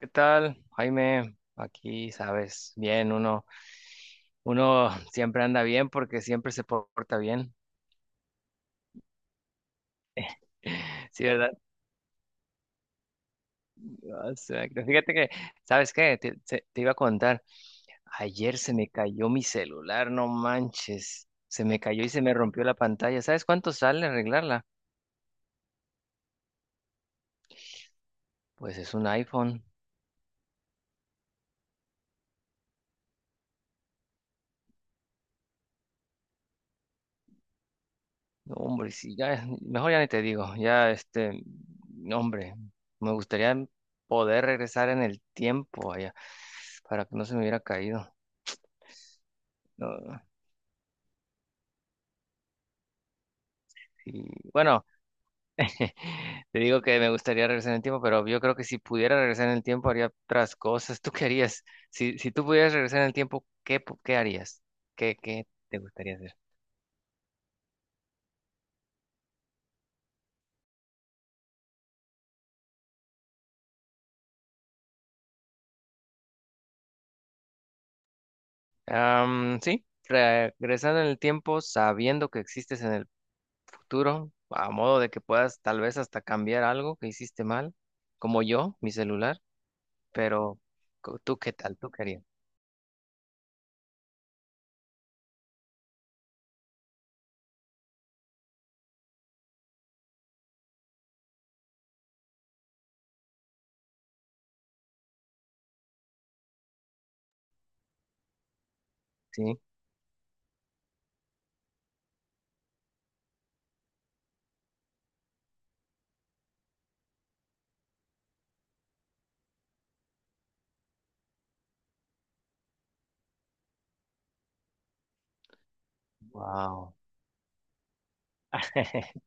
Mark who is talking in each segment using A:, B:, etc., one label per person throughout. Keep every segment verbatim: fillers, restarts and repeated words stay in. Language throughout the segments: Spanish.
A: ¿Qué tal, Jaime? Aquí, sabes, bien, uno, uno siempre anda bien porque siempre se porta bien. Sí, ¿verdad? Ah, O sea, que fíjate que, ¿sabes qué? Te, se- te iba a contar, ayer se me cayó mi celular, no manches, se me cayó y se me rompió la pantalla. ¿Sabes cuánto sale arreglarla? Pues es un iPhone. No, hombre, sí, ya, mejor ya ni te digo, ya, este, no, hombre, me gustaría poder regresar en el tiempo allá para que no se me hubiera caído. No, sí. Bueno, te digo que me gustaría regresar en el tiempo, pero yo creo que si pudiera regresar en el tiempo haría otras cosas. ¿Tú qué harías? Si, si tú pudieras regresar en el tiempo, ¿qué, pu- ¿qué harías? ¿Qué, qué te gustaría hacer? Am, sí, regresando en el tiempo sabiendo que existes en el futuro, a modo de que puedas tal vez hasta cambiar algo que hiciste mal, como yo, mi celular, pero co- ¿tú qué tal? ¿Tú qué harías? Sí. Wow.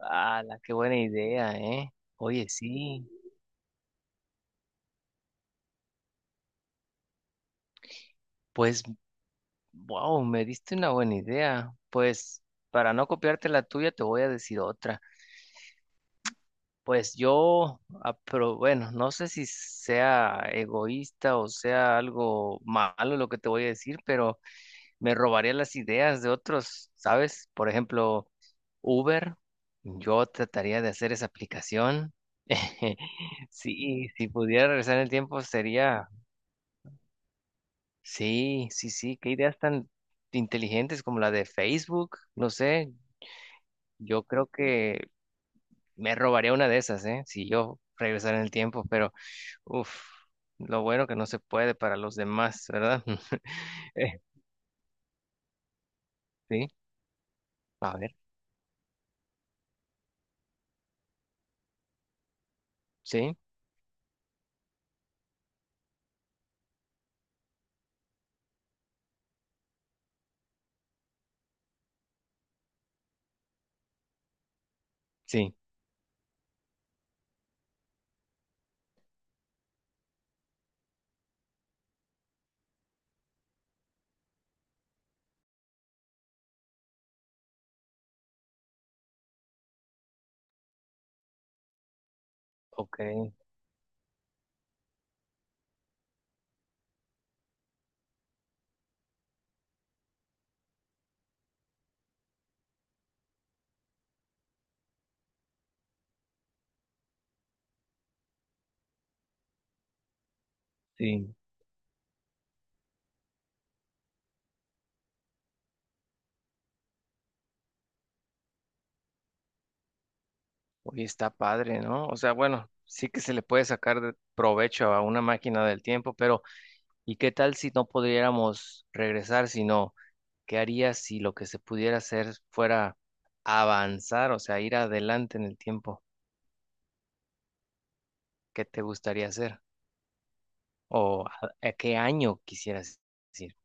A: ¡Hala, qué buena idea, eh! Oye, sí, pues, wow, me diste una buena idea. Pues, para no copiarte la tuya, te voy a decir otra. Pues yo, ah, pero bueno, no sé si sea egoísta o sea algo malo lo que te voy a decir, pero me robaría las ideas de otros, ¿sabes? Por ejemplo, Uber, yo trataría de hacer esa aplicación. Sí, si pudiera regresar en el tiempo sería. Sí, sí, sí, qué ideas tan inteligentes como la de Facebook, no sé, yo creo que me robaría una de esas, ¿eh? Si yo regresara en el tiempo, pero uff, lo bueno que no se puede para los demás, ¿verdad? Eh, sí, a ver, sí, sí, ok, sí. Oye, está padre, ¿no? O sea, bueno, sí que se le puede sacar de provecho a una máquina del tiempo, pero ¿y qué tal si no pudiéramos regresar, sino ¿qué harías si lo que se pudiera hacer fuera avanzar, o sea, ir adelante en el tiempo? ¿Qué te gustaría hacer? ¿O a, ¿a qué año quisieras ir?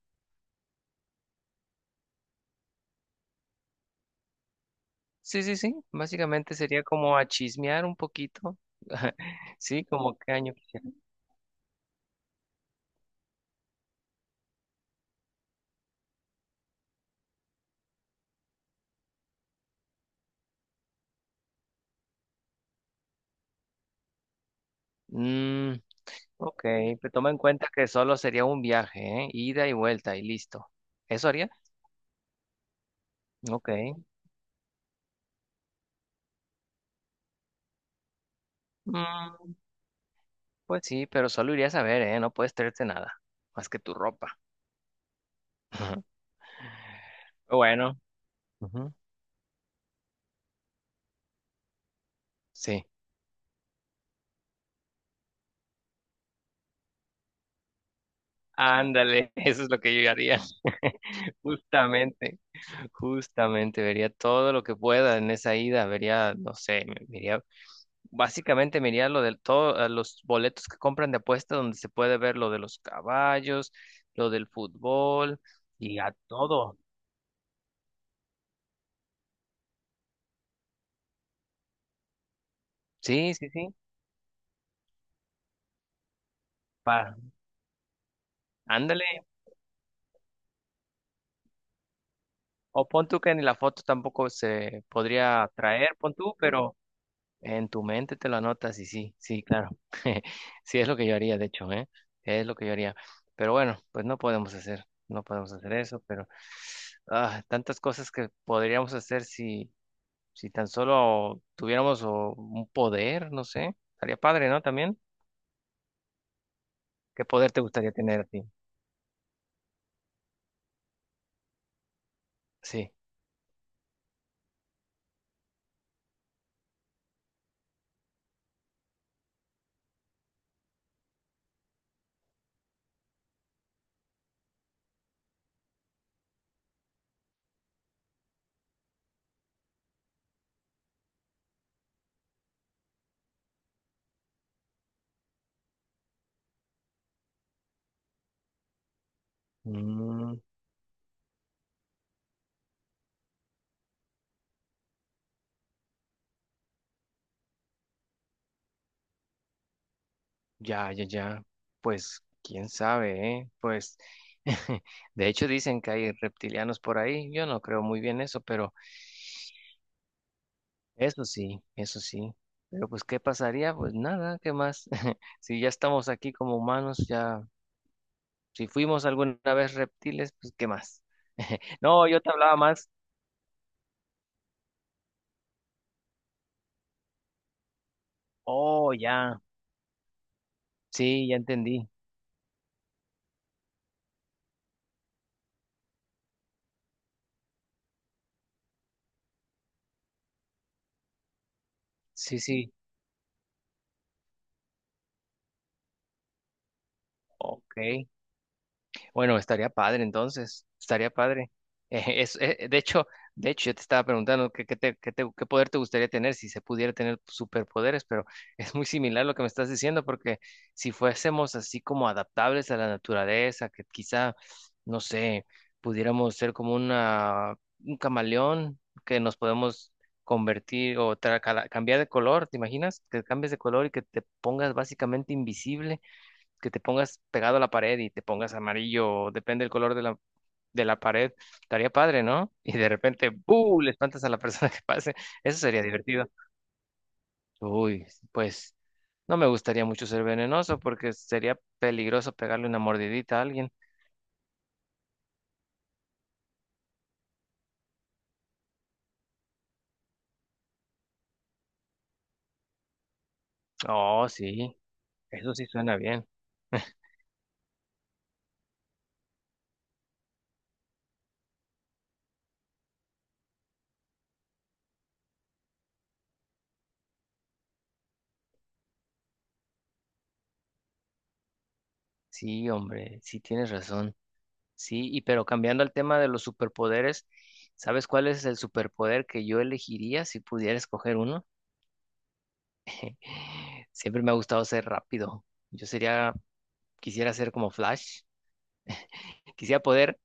A: Sí, sí, sí. Básicamente sería como a chismear un poquito. Sí, como qué año. Mm, ok, pero toma en cuenta que solo sería un viaje, ¿eh? Ida y vuelta y listo. ¿Eso haría? Ok. Mm, pues sí, pero solo irías a ver, ¿eh? No puedes traerte nada, más que tu ropa. Bueno. Ujú. Sí. Ándale, eso es lo que yo haría. Justamente, justamente, vería todo lo que pueda en esa ida, vería, no sé, me- me básicamente miraría lo de todos los boletos que compran de apuesta donde se puede ver lo de los caballos, lo del fútbol y a todo. Sí, sí, sí. Pa, ándale. O pon tú que ni la foto tampoco se podría traer, pon tú, pero en tu mente te lo anotas y sí, sí, claro. Sí, es lo que yo haría, de hecho, ¿eh? Es lo que yo haría. Pero bueno, pues no podemos hacer, no podemos hacer eso, pero ah, tantas cosas que podríamos hacer si, si tan solo tuviéramos o, un poder, no sé. Estaría padre, ¿no? También. ¿Qué poder te gustaría tener a ti? Sí. Mm, ya, ya, ya. Pues, quién sabe, ¿eh? Pues, de hecho dicen que hay reptilianos por ahí. Yo no creo muy bien eso, pero... Eso sí, eso sí. Pero pues, ¿qué pasaría? Pues nada, ¿qué más? Si ya estamos aquí como humanos, ya, si fuimos alguna vez reptiles, pues ¿qué más? No, yo te hablaba más. Oh, ya. Sí, ya entendí. Sí, sí. Ok. Bueno, estaría padre entonces, estaría padre. Eh, es, eh, de hecho, de hecho, yo te estaba preguntando qué, qué te- qué te- qué poder te gustaría tener si se pudiera tener superpoderes, pero es muy similar lo que me estás diciendo, porque si fuésemos así como adaptables a la naturaleza, que quizá, no sé, pudiéramos ser como una, un camaleón, que nos podemos convertir o tra- cala- cambiar de color, ¿te imaginas? Que cambies de color y que te pongas básicamente invisible, que te pongas pegado a la pared y te pongas amarillo, o depende del color de la, de la pared, estaría padre, ¿no? Y de repente, ¡buh! Le espantas a la persona que pase. Eso sería divertido. Uy, pues no me gustaría mucho ser venenoso porque sería peligroso pegarle una mordidita a alguien. Oh, sí, eso sí suena bien. Sí, hombre, sí tienes razón. Sí, y pero cambiando al tema de los superpoderes, ¿sabes cuál es el superpoder que yo elegiría si pudiera escoger uno? Siempre me ha gustado ser rápido. Yo sería, quisiera ser como Flash. Quisiera poder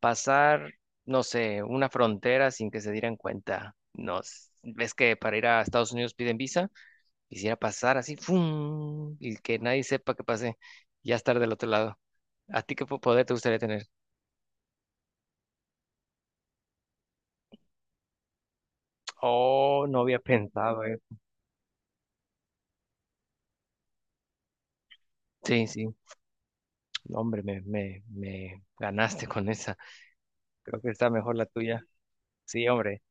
A: pasar, no sé, una frontera sin que se dieran cuenta. No, s- ves que para ir a Estados Unidos piden visa. Quisiera pasar así, ¡fum! Y que nadie sepa que pasé. Y ya estar del otro lado. ¿A ti qué po- ¿poder te gustaría tener? Oh, no había pensado, eh. Sí, sí. No, hombre, me, me, me ganaste con esa. Creo que está mejor la tuya. Sí, hombre.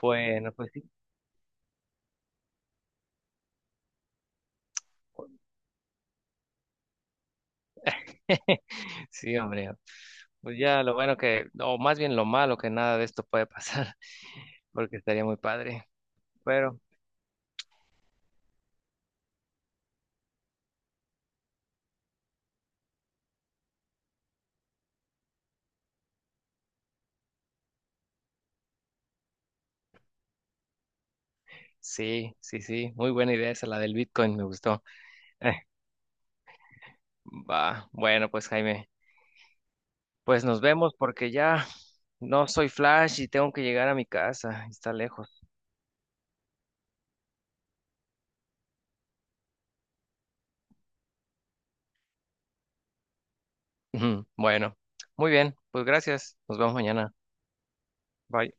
A: Bueno, pues sí. Sí, hombre. Pues ya lo bueno que, o más bien lo malo que nada de esto puede pasar, porque estaría muy padre. Pero sí, sí, sí, muy buena idea esa, la del Bitcoin, me gustó. Eh, va, bueno, pues Jaime, pues nos vemos porque ya no soy Flash y tengo que llegar a mi casa, está lejos. Ujú, bueno, muy bien, pues gracias, nos vemos mañana. Bye.